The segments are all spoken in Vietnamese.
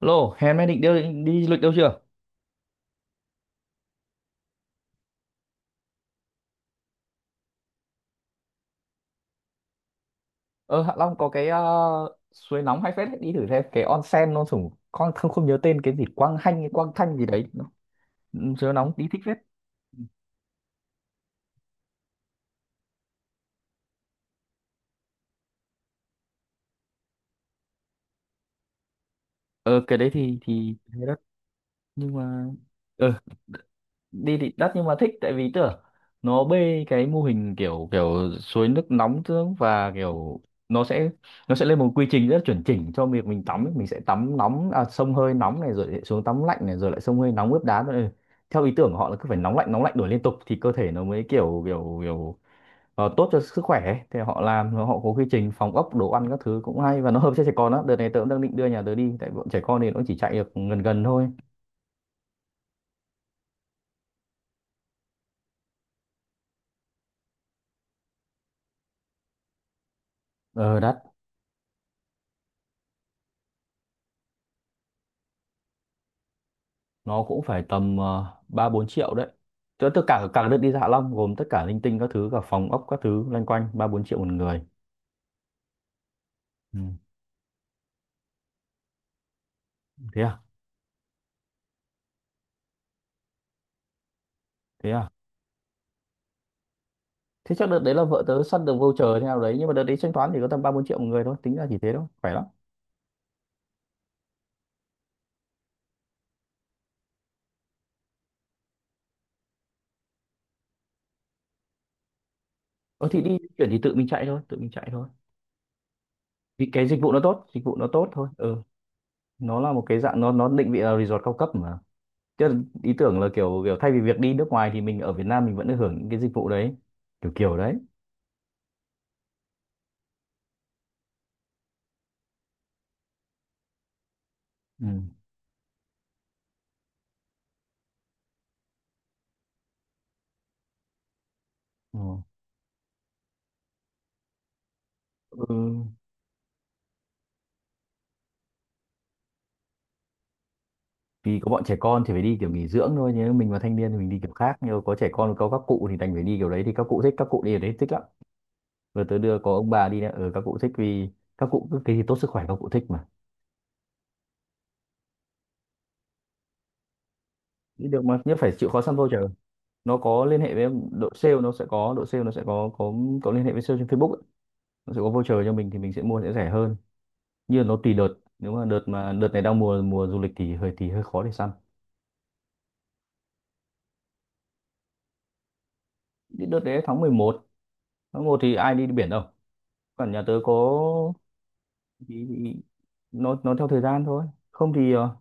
Lô, hè nay định đi, đi du lịch đâu chưa? Ờ Hạ Long có cái suối nóng hay phết, đi thử xem cái onsen nó sủng con không, không nhớ tên cái gì, Quang Hanh hay Quang Thanh gì đấy. Nó Ừ, siêu nóng, đi thích phết. Ờ cái đấy thì thế đất, nhưng mà ờ, đi thì đắt nhưng mà thích tại vì tưởng nó bê cái mô hình kiểu kiểu suối nước nóng tương và kiểu nó sẽ, lên một quy trình rất là chuẩn chỉnh cho việc mình tắm ấy. Mình sẽ tắm nóng à, xông hơi nóng này rồi lại xuống tắm lạnh này rồi lại xông hơi nóng ướp đá nữa. Ừ, theo ý tưởng của họ là cứ phải nóng lạnh đổi liên tục thì cơ thể nó mới kiểu kiểu kiểu tốt cho sức khỏe ấy. Thì họ làm, họ có quy trình phòng ốc đồ ăn các thứ cũng hay và nó hợp cho trẻ con đó. Đợt này tớ cũng đang định đưa nhà tớ đi tại bọn trẻ con thì nó chỉ chạy được gần gần thôi. Ờ đắt, nó cũng phải tầm 3 4 triệu đấy. Tất tất cả cả đợt đi Hạ Long gồm tất cả linh tinh các thứ cả phòng ốc các thứ loanh quanh 3 4 triệu một người. Ừ. Thế à? Thế à? Thế chắc đợt đấy là vợ tớ săn được voucher thế nào đấy nhưng mà đợt đấy thanh toán thì có tầm 3 4 triệu một người thôi, tính ra chỉ thế thôi, khỏe lắm. Ờ thì đi chuyển thì tự mình chạy thôi, tự mình chạy thôi. Vì cái dịch vụ nó tốt, dịch vụ nó tốt thôi. Ừ, nó là một cái dạng, nó định vị là resort cao cấp mà. Tức ý tưởng là kiểu kiểu thay vì việc đi nước ngoài thì mình ở Việt Nam mình vẫn được hưởng những cái dịch vụ đấy, kiểu kiểu đấy. Ừ. Ừ. Ừ. Vì có bọn trẻ con thì phải đi kiểu nghỉ dưỡng thôi, nếu mình mà thanh niên thì mình đi kiểu khác, nhưng có trẻ con có các cụ thì đành phải đi kiểu đấy. Thì các cụ thích, các cụ đi ở đấy thích lắm. Vừa tới đưa có ông bà đi nữa, ở các cụ thích vì các cụ cứ cái gì tốt sức khỏe các cụ thích mà. Đi được mà, nhất phải chịu khó săn voucher. Nó có liên hệ với em, đội sale nó sẽ có, đội sale nó sẽ có có liên hệ với sale trên Facebook ấy. Nó sẽ có voucher cho mình thì mình sẽ mua sẽ rẻ hơn, như là nó tùy đợt. Nếu mà đợt này đang mùa mùa du lịch thì hơi, thì hơi khó để săn. Đợt đấy tháng 11, tháng 1 thì ai đi, đi biển đâu. Còn nhà tớ có thì nó, theo thời gian thôi. Không thì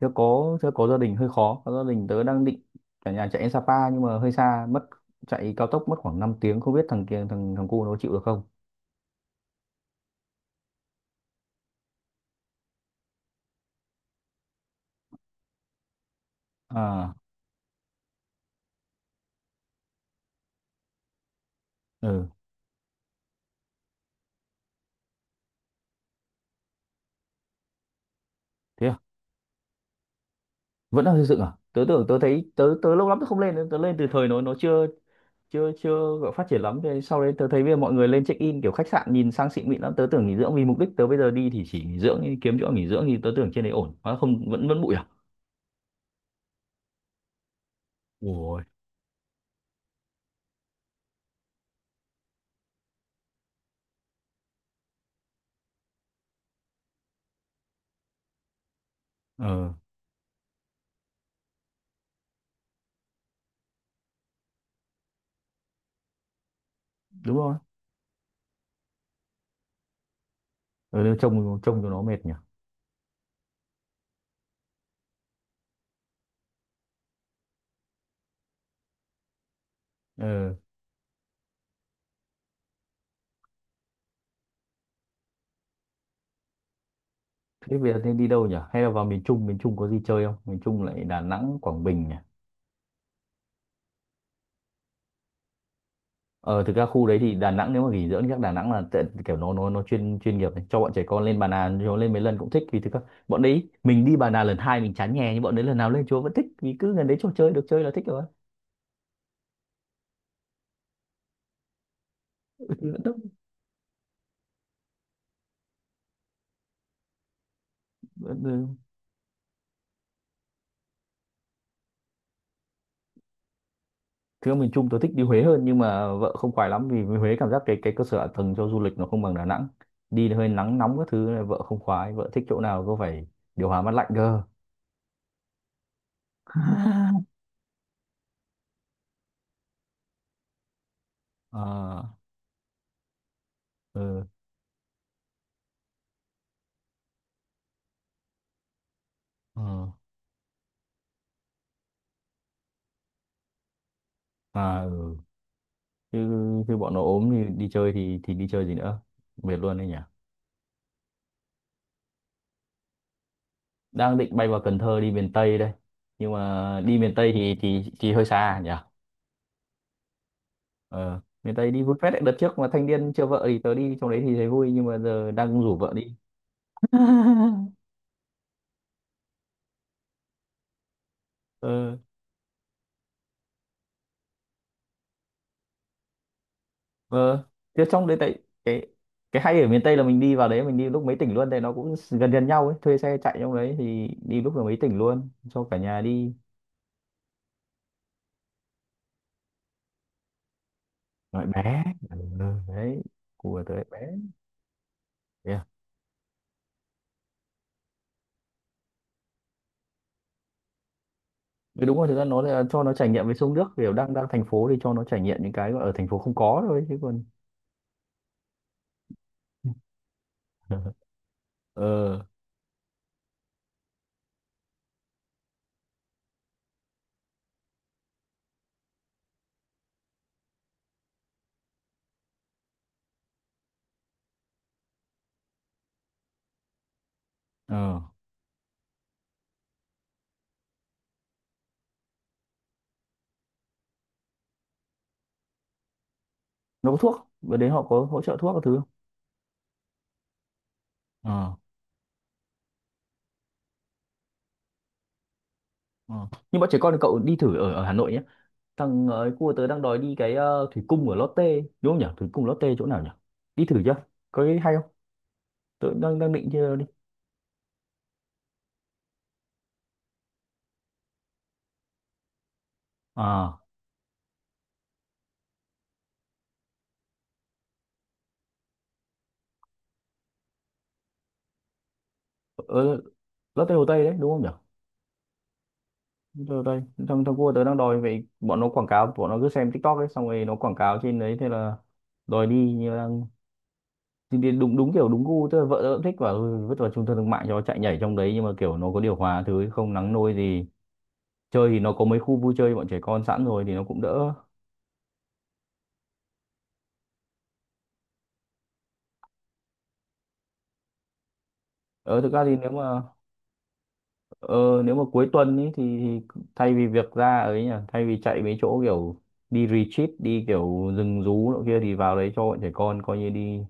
tớ có, gia đình hơi khó, có gia đình tớ đang định cả nhà chạy đến Sapa nhưng mà hơi xa mất. Chạy cao tốc mất khoảng 5 tiếng, không biết thằng kia, thằng thằng cu nó chịu được không. À. Ừ. Thế à? Vẫn đang xây dựng à? Tớ tưởng, tớ thấy, tớ tớ lâu lắm tớ không lên, tớ lên từ thời nó chưa, chưa gọi phát triển lắm. Thế sau đấy tớ thấy bây giờ mọi người lên check in kiểu khách sạn nhìn sang xịn mịn lắm, tớ tưởng nghỉ dưỡng. Vì mục đích tớ bây giờ đi thì chỉ nghỉ dưỡng, kiếm chỗ nghỉ dưỡng thì tớ tưởng trên đấy ổn, hóa không, vẫn vẫn bụi à. Ủa. Ờ. Đúng rồi. Ừ, nếu trông, cho nó mệt nhỉ. Ừ. Thế bây giờ nên đi đâu nhỉ? Hay là vào miền Trung? Miền Trung có gì chơi không? Miền Trung lại Đà Nẵng, Quảng Bình nhỉ. Ờ thực ra khu đấy thì Đà Nẵng, nếu mà nghỉ dưỡng chắc Đà Nẵng là tệ- kiểu nó nó chuyên, nghiệp đấy. Cho bọn trẻ con lên Bà Nà, nó lên mấy lần cũng thích vì thực ra bọn đấy, mình đi Bà Nà lần 2 mình chán nhè nhưng bọn đấy lần nào lên chúa vẫn thích vì cứ gần đấy chỗ chơi được chơi là thích rồi. Vẫn thích. Thực ra miền Trung tôi thích đi Huế hơn nhưng mà vợ không khoái lắm vì Huế cảm giác cái cơ sở hạ tầng cho du lịch nó không bằng Đà Nẵng. Đi hơi nắng nóng các thứ này vợ không khoái, vợ thích chỗ nào có phải điều hòa mát lạnh cơ. À, ừ, ừ, à, ừ. Chứ, bọn nó ốm thì đi chơi thì đi chơi gì nữa. Mệt luôn đấy nhỉ. Đang định bay vào Cần Thơ đi miền Tây đây. Nhưng mà đi miền Tây thì hơi xa nhỉ. Ờ, miền Tây đi vui phết đấy. Đợt trước mà Thanh Niên chưa vợ thì tớ đi trong đấy thì thấy vui nhưng mà giờ đang rủ vợ đi. Ờ. Ờ thế trong đấy tại cái, hay ở miền Tây là mình đi vào đấy mình đi lúc mấy tỉnh luôn tại nó cũng gần gần nhau ấy, thuê xe chạy trong đấy thì đi lúc là mấy tỉnh luôn cho cả nhà đi. Gọi bé. Ừ, đấy, của tới bé. Yeah. Đúng rồi, thực ra nó là cho nó trải nghiệm với sông nước, kiểu đang đang thành phố thì cho nó trải nghiệm những cái ở thành phố không có thôi chứ còn. Ờ. Ờ nó có thuốc, bữa đấy họ có hỗ trợ thuốc các thứ không? Ờ. Ờ nhưng bọn trẻ con, cậu đi thử ở ở Hà Nội nhé. Thằng ấy cua tớ đang đòi đi cái thủy cung ở Lotte ấy. Đúng không nhỉ? Thủy cung Lotte chỗ nào nhỉ? Đi thử chưa? Có cái hay không? Tớ cũng đang đang định chưa đi. À, ở Lotte Hồ Tây đấy đúng không nhỉ? Lotte Hồ Tây. Thằng thằng cua tớ đang đòi vậy, bọn nó quảng cáo, bọn nó cứ xem TikTok ấy xong rồi nó quảng cáo trên đấy, thế là đòi đi. Nhưng mà đang đi đúng đúng kiểu đúng gu, tức là vợ tớ cũng thích, và vứt vào trung tâm thương mại cho nó chạy nhảy trong đấy nhưng mà kiểu nó có điều hòa thứ ấy, không nắng nôi gì. Chơi thì nó có mấy khu vui chơi bọn trẻ con sẵn rồi thì nó cũng đỡ. Ờ thực ra thì nếu mà, ờ, nếu mà cuối tuần ý, thì, thay vì việc ra ấy nhỉ, thay vì chạy mấy chỗ kiểu đi retreat, đi kiểu rừng rú nọ kia thì vào đấy cho bọn trẻ con coi như đi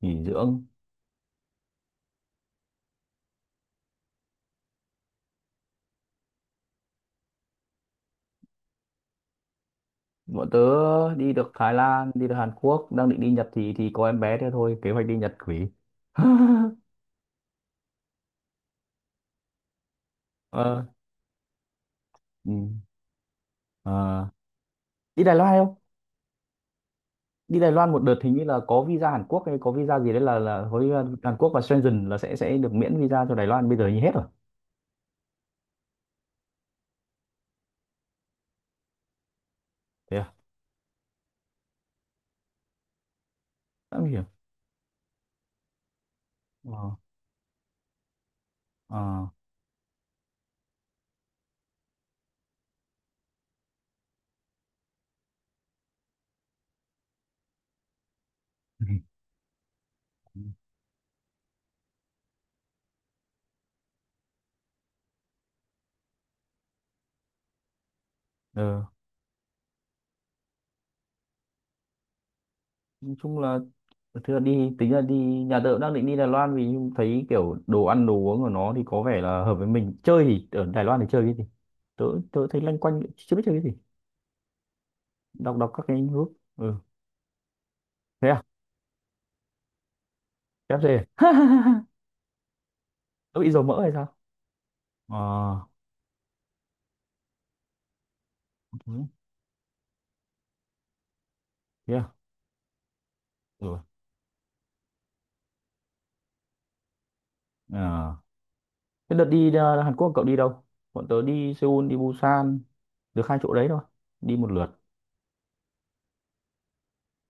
nghỉ dưỡng. Bọn tớ đi được Thái Lan, đi được Hàn Quốc, đang định đi Nhật thì có em bé thế thôi, kế hoạch đi Nhật quỷ. Ờ, ừ, ờ. Đi Đài Loan không? Đi Đài Loan một đợt hình như là có visa Hàn Quốc hay có visa gì đấy là với Hàn Quốc và Schengen là sẽ được miễn visa cho Đài Loan, bây giờ như hết rồi. Thế à? Đã hiểu. Ờ, ờ. Ờ, nói chung là thực ra đi tính là đi, nhà tớ cũng đang định đi Đài Loan vì thấy kiểu đồ ăn đồ uống của nó thì có vẻ là hợp với mình. Chơi thì ở Đài Loan thì chơi cái gì? Tớ Tớ thấy loanh quanh chưa biết chơi cái gì, đọc đọc các cái nước. Ừ thế à. KFC. Tớ bị dầu mỡ hay sao. Ờ. Thế thế à. Ừ. À. Thế đợt đi Hàn Quốc cậu đi đâu? Bọn tớ đi Seoul đi Busan, được hai chỗ đấy thôi, đi một lượt.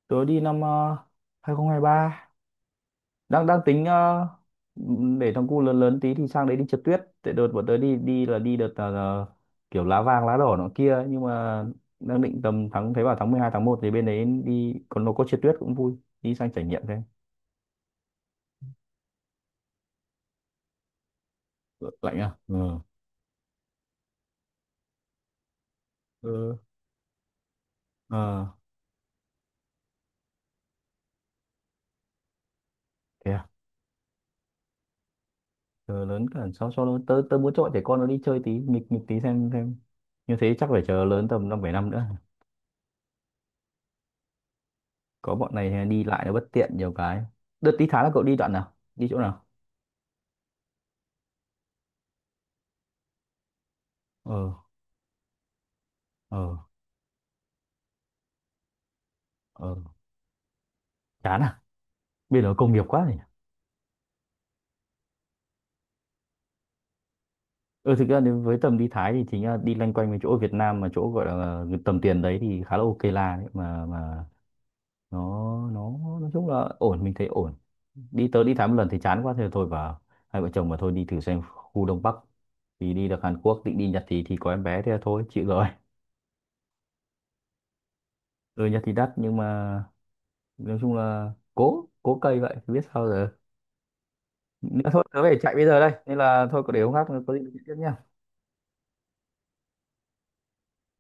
Tớ đi năm 2023. Đang đang tính để thằng cu lớn lớn tí thì sang đấy đi trượt tuyết, tại đợt bọn tớ đi, đi là đi đợt là kiểu lá vàng lá đỏ nó kia ấy. Nhưng mà đang định tầm tháng, thấy bảo tháng 12 tháng 1 thì bên đấy đi còn nó có trượt tuyết cũng vui. Đi sang trải nghiệm xem. Ừ, lạnh à, ừ. Ừ. Ờ thế à. Ờ, lớn cả, sau sau đó tớ tớ muốn cho bọn trẻ con nó đi chơi tí, nghịch nghịch tí xem như thế, chắc phải chờ lớn tầm 5 7 năm nữa. Có bọn này đi lại nó bất tiện nhiều cái. Đợt tí Thái là cậu đi đoạn nào, đi chỗ nào? Ờ. Ờ. Ờ chán à? Bên đó công nghiệp quá nhỉ. Ừ thực ra nếu với tầm đi Thái thì chính là đi loanh quanh với chỗ Việt Nam mà chỗ gọi là tầm tiền đấy thì khá là ok là đấy. Mà nó, nói chung là ổn, mình thấy ổn. Đi, tớ đi Thái một lần thì chán quá thì thôi, và hai vợ chồng mà thôi đi thử xem khu Đông Bắc thì đi được Hàn Quốc, định đi Nhật thì có em bé thì thôi chịu rồi. Ừ Nhật thì đắt nhưng mà nói chung là cố cố cây vậy biết sao giờ nữa. Thôi tớ phải chạy bây giờ đây nên là thôi, có để hôm khác có gì nói chuyện tiếp nhá.